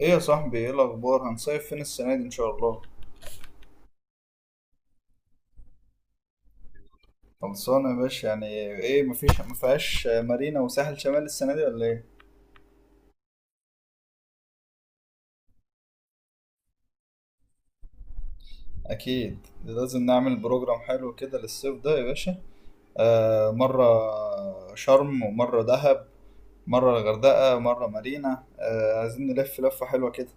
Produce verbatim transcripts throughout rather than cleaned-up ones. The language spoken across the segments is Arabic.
ايه يا صاحبي، ايه الاخبار؟ هنصيف فين السنه دي ان شاء الله؟ خلصانه يا باشا يعني. ايه، مفيش مفيهاش مارينا وساحل شمال السنه دي ولا ايه؟ اكيد لازم نعمل بروجرام حلو كده للصيف ده يا باشا. آه، مره شرم ومره دهب. مره الغردقه، مره مارينا، آه عايزين نلف لفه حلوه كده.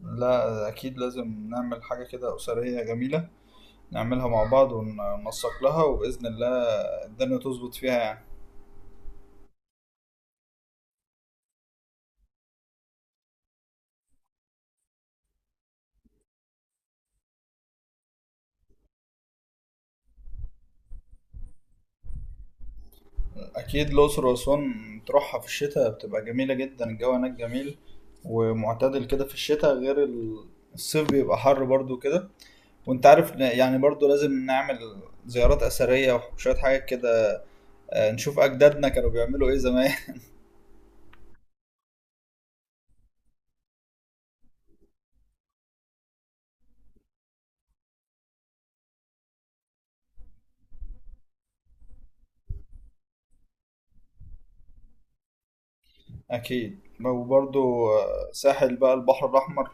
لا، اكيد لازم نعمل حاجه كده اسريه جميله. نعملها مع بعض وننسق لها، وباذن الله الدنيا تظبط فيها يعني. أكيد الأقصر وأسوان تروحها في الشتاء بتبقى جميلة جدا، الجو هناك جميل ومعتدل كده في الشتاء، غير ال- الصيف بيبقى حر برضو كده. وانت عارف، إن- يعني برضو لازم نعمل زيارات أثرية وشوية حاجات كده. آه، نشوف أجدادنا كانوا بيعملوا إيه زمان. أكيد. وبرضو، آه، ساحل بقى البحر الأحمر.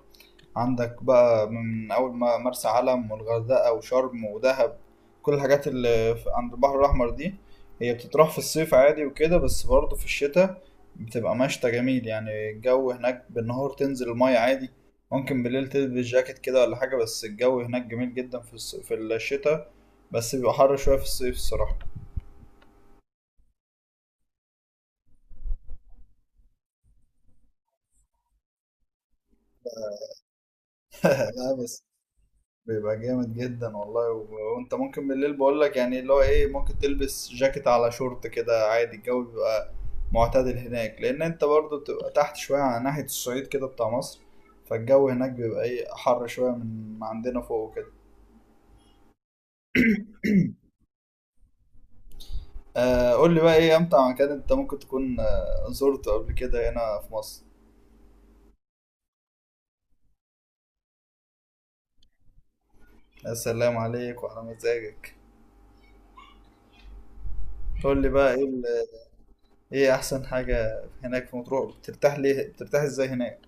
عندك بقى من أول ما مرسى علم والغردقة وشرم ودهب، كل الحاجات اللي في- عند البحر الأحمر دي، هي بتتراح في الصيف عادي وكده، بس برضه في الشتاء بتبقى مشتى جميل يعني. الجو هناك بالنهار تنزل المية عادي، ممكن بالليل تلبس جاكيت كده ولا حاجة، بس الجو هناك جميل جدا في الص... في الشتاء. بس بيبقى حر شوية في الصيف الصراحة. لا، بس بيبقى جامد جدا والله، و... وانت ممكن بالليل بقولك يعني اللي هو ايه، ممكن تلبس جاكيت على شورت كده عادي، الجو بيبقى معتدل هناك، لان انت برضه بتبقى تحت شويه على ناحيه الصعيد كده بتاع مصر. فالجو هناك بيبقى ايه حر شويه من ما عندنا فوق وكده. آه، قول لي بقى، ايه امتع مكان انت ممكن تكون آه زرته قبل كده هنا في مصر؟ يا سلام عليك وعلى مزاجك. قول لي بقى، ايه ال- ايه احسن حاجه هناك في مطروح؟ بترتاح ليه؟ بترتاح ازاي هناك؟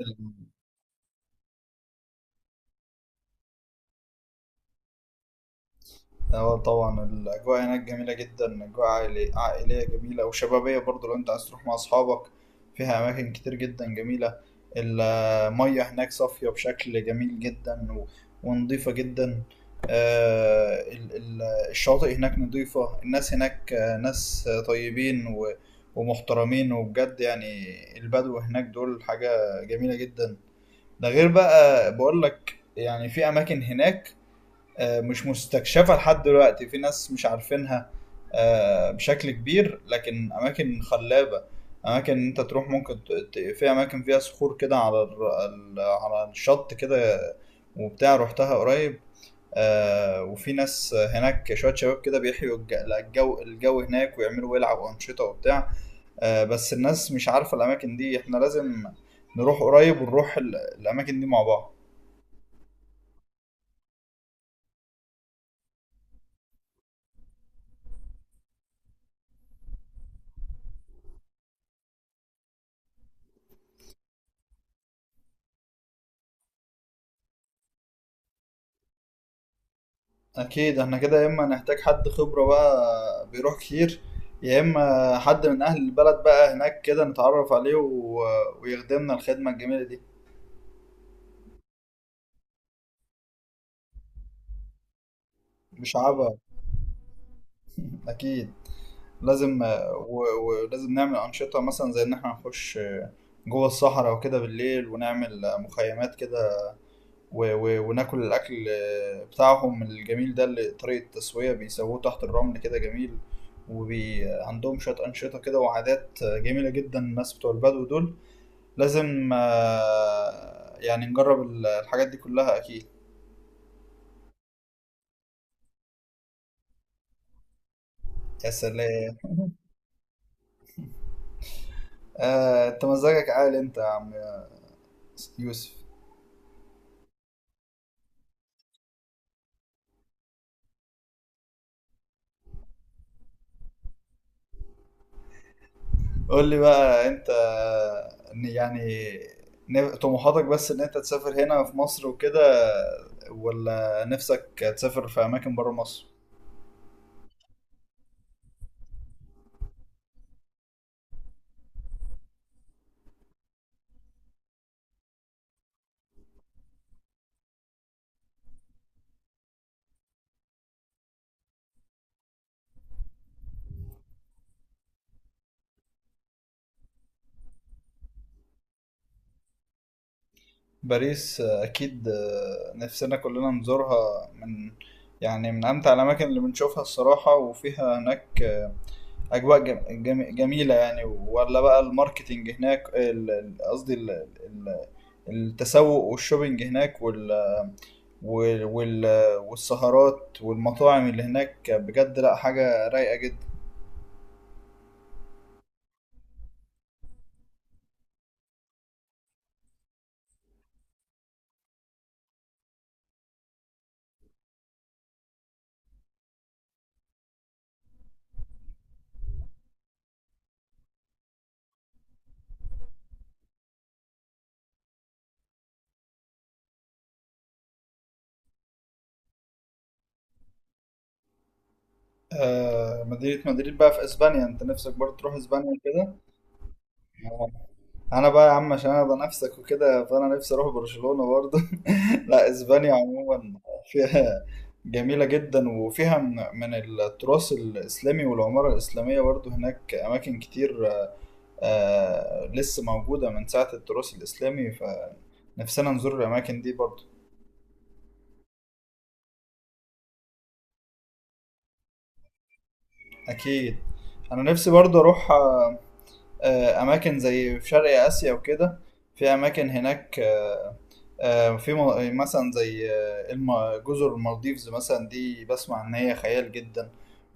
اه، اه، طبعا الأجواء هناك جميلة جدا، أجواء عائلي- عائلية جميلة وشبابية برضو لو أنت عايز تروح مع أصحابك. فيها أماكن كتير جدا جميلة. المية هناك صافية بشكل جميل جدا، و- ونضيفة جدا. آه، ال- ال- الشواطئ هناك نضيفة، الناس هناك، آه، ناس طيبين و- ومحترمين وبجد يعني. البدو هناك دول حاجة جميلة جدا. ده غير بقى بقولك يعني في أماكن هناك آه، مش مستكشفه لحد دلوقتي، في ناس مش عارفينها آه، بشكل كبير، لكن اماكن خلابه. اماكن انت تروح ممكن ت- ت- في اماكن فيها صخور كده على الر- ال- على الشط كده، وبتاع، رحتها قريب. آه، وفي ناس هناك شويه شباب كده بيحيوا الج- الجو الجو هناك ويعملوا ويلعبوا انشطه وبتاع. آه، بس الناس مش عارفه الاماكن دي، احنا لازم نروح قريب، ونروح ال- الاماكن دي مع بعض. اكيد احنا كده، يا اما نحتاج حد خبرة بقى بيروح كتير، يا اما حد من اهل البلد بقى هناك كده نتعرف عليه و... ويخدمنا الخدمة الجميلة دي. مش عبء. اكيد لازم. و... ولازم نعمل انشطة مثلا زي ان احنا نخش جوه الصحراء وكده بالليل، ونعمل مخيمات كده، و... و... وناكل الاكل بتاعهم الجميل ده، اللي طريقة التسوية بيسووه تحت الرمل كده جميل. وعندهم شوية أنشطة كده وعادات جميلة جدا الناس بتوع البدو دول. لازم، آه، يعني نجرب ال- الحاجات دي كلها أكيد. يا سلام، آه، أنت مزاجك عالي أنت يا عم يوسف. قول لي بقى، أنت آه، إن يعني نف- طموحاتك بس إن أنت تسافر هنا في مصر وكده، ولا نفسك تسافر في أماكن برا مصر؟ باريس، آه، أكيد، آه، نفسنا كلنا نزورها، من يعني من أمتع الأماكن اللي بنشوفها الصراحة، وفيها هناك آه، اجواء جم... جم... جميله يعني، ولا بقى الماركتينج هناك ال- ال- قصدي ال... ال... التسوق والشوبينج هناك وال... وال... وال... والسهرات والمطاعم اللي هناك، بجد لا حاجه رايقه جدا. آه، مدينه مدريد بقى في اسبانيا، انت نفسك برضه تروح اسبانيا كده؟ انا بقى يا عم عشان انا نفسك وكده، فانا نفسي اروح برشلونة برضه. لا، اسبانيا عموما فيها جميلة جدا، وفيها من من التراث الإسلامي والعمارة الإسلامية برضه هناك أماكن كتير آه لسه موجودة من ساعة التراث الإسلامي، فنفسنا نزور الأماكن دي برضه. أكيد. أنا نفسي برضه أروح، آه آه، أماكن زي في شرق آسيا وكده، في أماكن هناك، آه، آه، في م- مثلا زي آه، الم- جزر المالديفز مثلا، دي بسمع ان هي خيال جدا.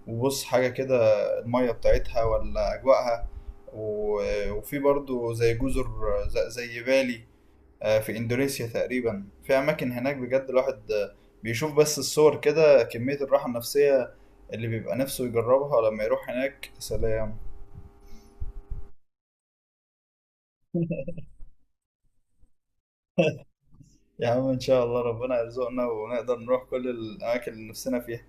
وبص حاجة كده، المية بتاعتها ولا أجواءها، و- وفي برضو زي جزر ز- زي بالي، آه، في إندونيسيا تقريبا، في أماكن هناك بجد الواحد آه، بيشوف بس الصور كده، كمية الراحة النفسية اللي بيبقى نفسه يجربها لما يروح هناك، سلام. يا عم، إن شاء الله ربنا يرزقنا ونقدر نروح كل الأماكن اللي نفسنا فيها.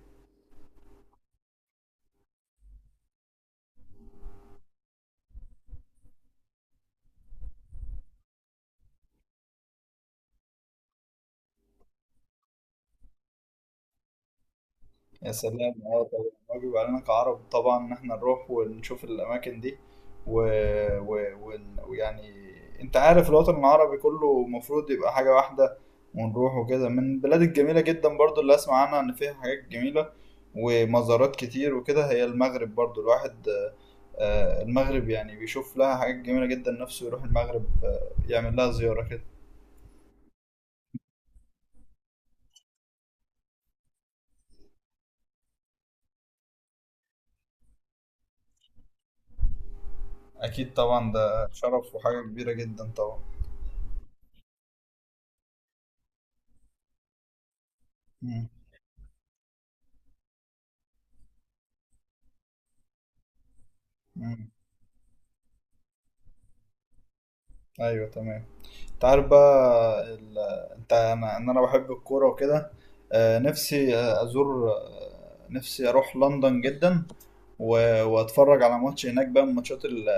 يا سلام، اه طبعا، واجب علينا كعرب طبعا ان احنا نروح ونشوف الاماكن دي، و... و... ون- ويعني انت عارف الوطن العربي كله المفروض يبقى حاجة واحدة، ونروح وكده من البلاد الجميلة جدا برضو اللي اسمع عنها ان فيها حاجات جميلة ومزارات كتير وكده، هي المغرب برضو الواحد آه، آه، المغرب يعني بيشوف لها حاجات جميلة جدا، نفسه يروح المغرب آه، يعمل لها زيارة كده. اكيد طبعا، ده شرف وحاجة كبيرة جدا طبعا. مم. مم. ايوه تمام، انت عارف بقى ال... انت انا ان انا بحب الكوره وكده، آه، نفسي آه، ازور آه، نفسي اروح لندن جدا، و- واتفرج على ماتش هناك بقى من ماتشات ال-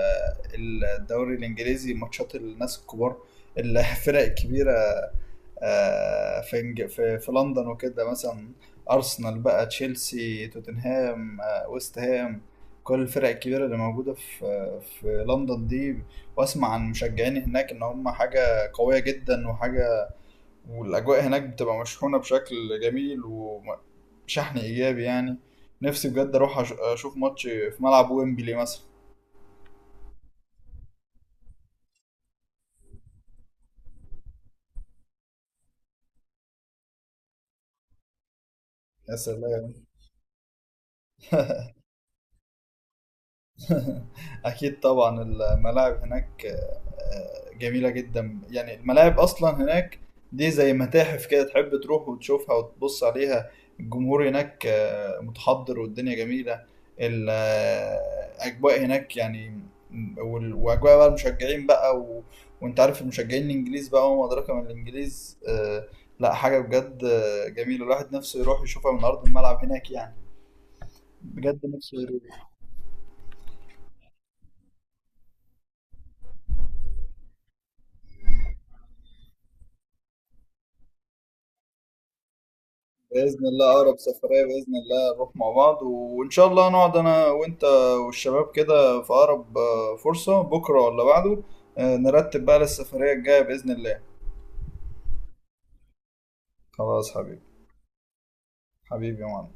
الدوري الانجليزي، ماتشات الناس الكبار الفرق الكبيره، آه، في إنج- في في لندن وكده مثلا، ارسنال بقى، تشيلسي، توتنهام، آه، ويست هام، كل الفرق الكبيره اللي موجوده في في لندن دي. واسمع عن مشجعين هناك ان هم حاجه قويه جدا وحاجه، والاجواء هناك بتبقى مشحونه بشكل جميل وشحن ايجابي يعني. نفسي بجد اروح أش- اشوف ماتش في ملعب ويمبلي مثلا. يا سلام. اكيد طبعا، الملاعب هناك آه، جميله جدا يعني، الملاعب اصلا هناك دي زي متاحف كده، تحب تروح وتشوفها وتبص عليها. الجمهور هناك آه، متحضر، والدنيا جميله، الاجواء هناك يعني، وال- واجواء بقى المشجعين بقى، و... وانت عارف المشجعين الانجليز بقى، وما ادراك ما الانجليز، آه، لا حاجه بجد آه، جميله، الواحد نفسه يروح يشوفها من ارض الملعب هناك يعني. بجد نفسه يروح. باذن الله، اقرب سفريه باذن الله نروح مع بعض، وان شاء الله نقعد انا وانت والشباب كده في اقرب آه، فرصه، بكره ولا بعده، آه، نرتب بقى للسفريه الجايه باذن الله. خلاص حبيبي. حبيبي يا معلم.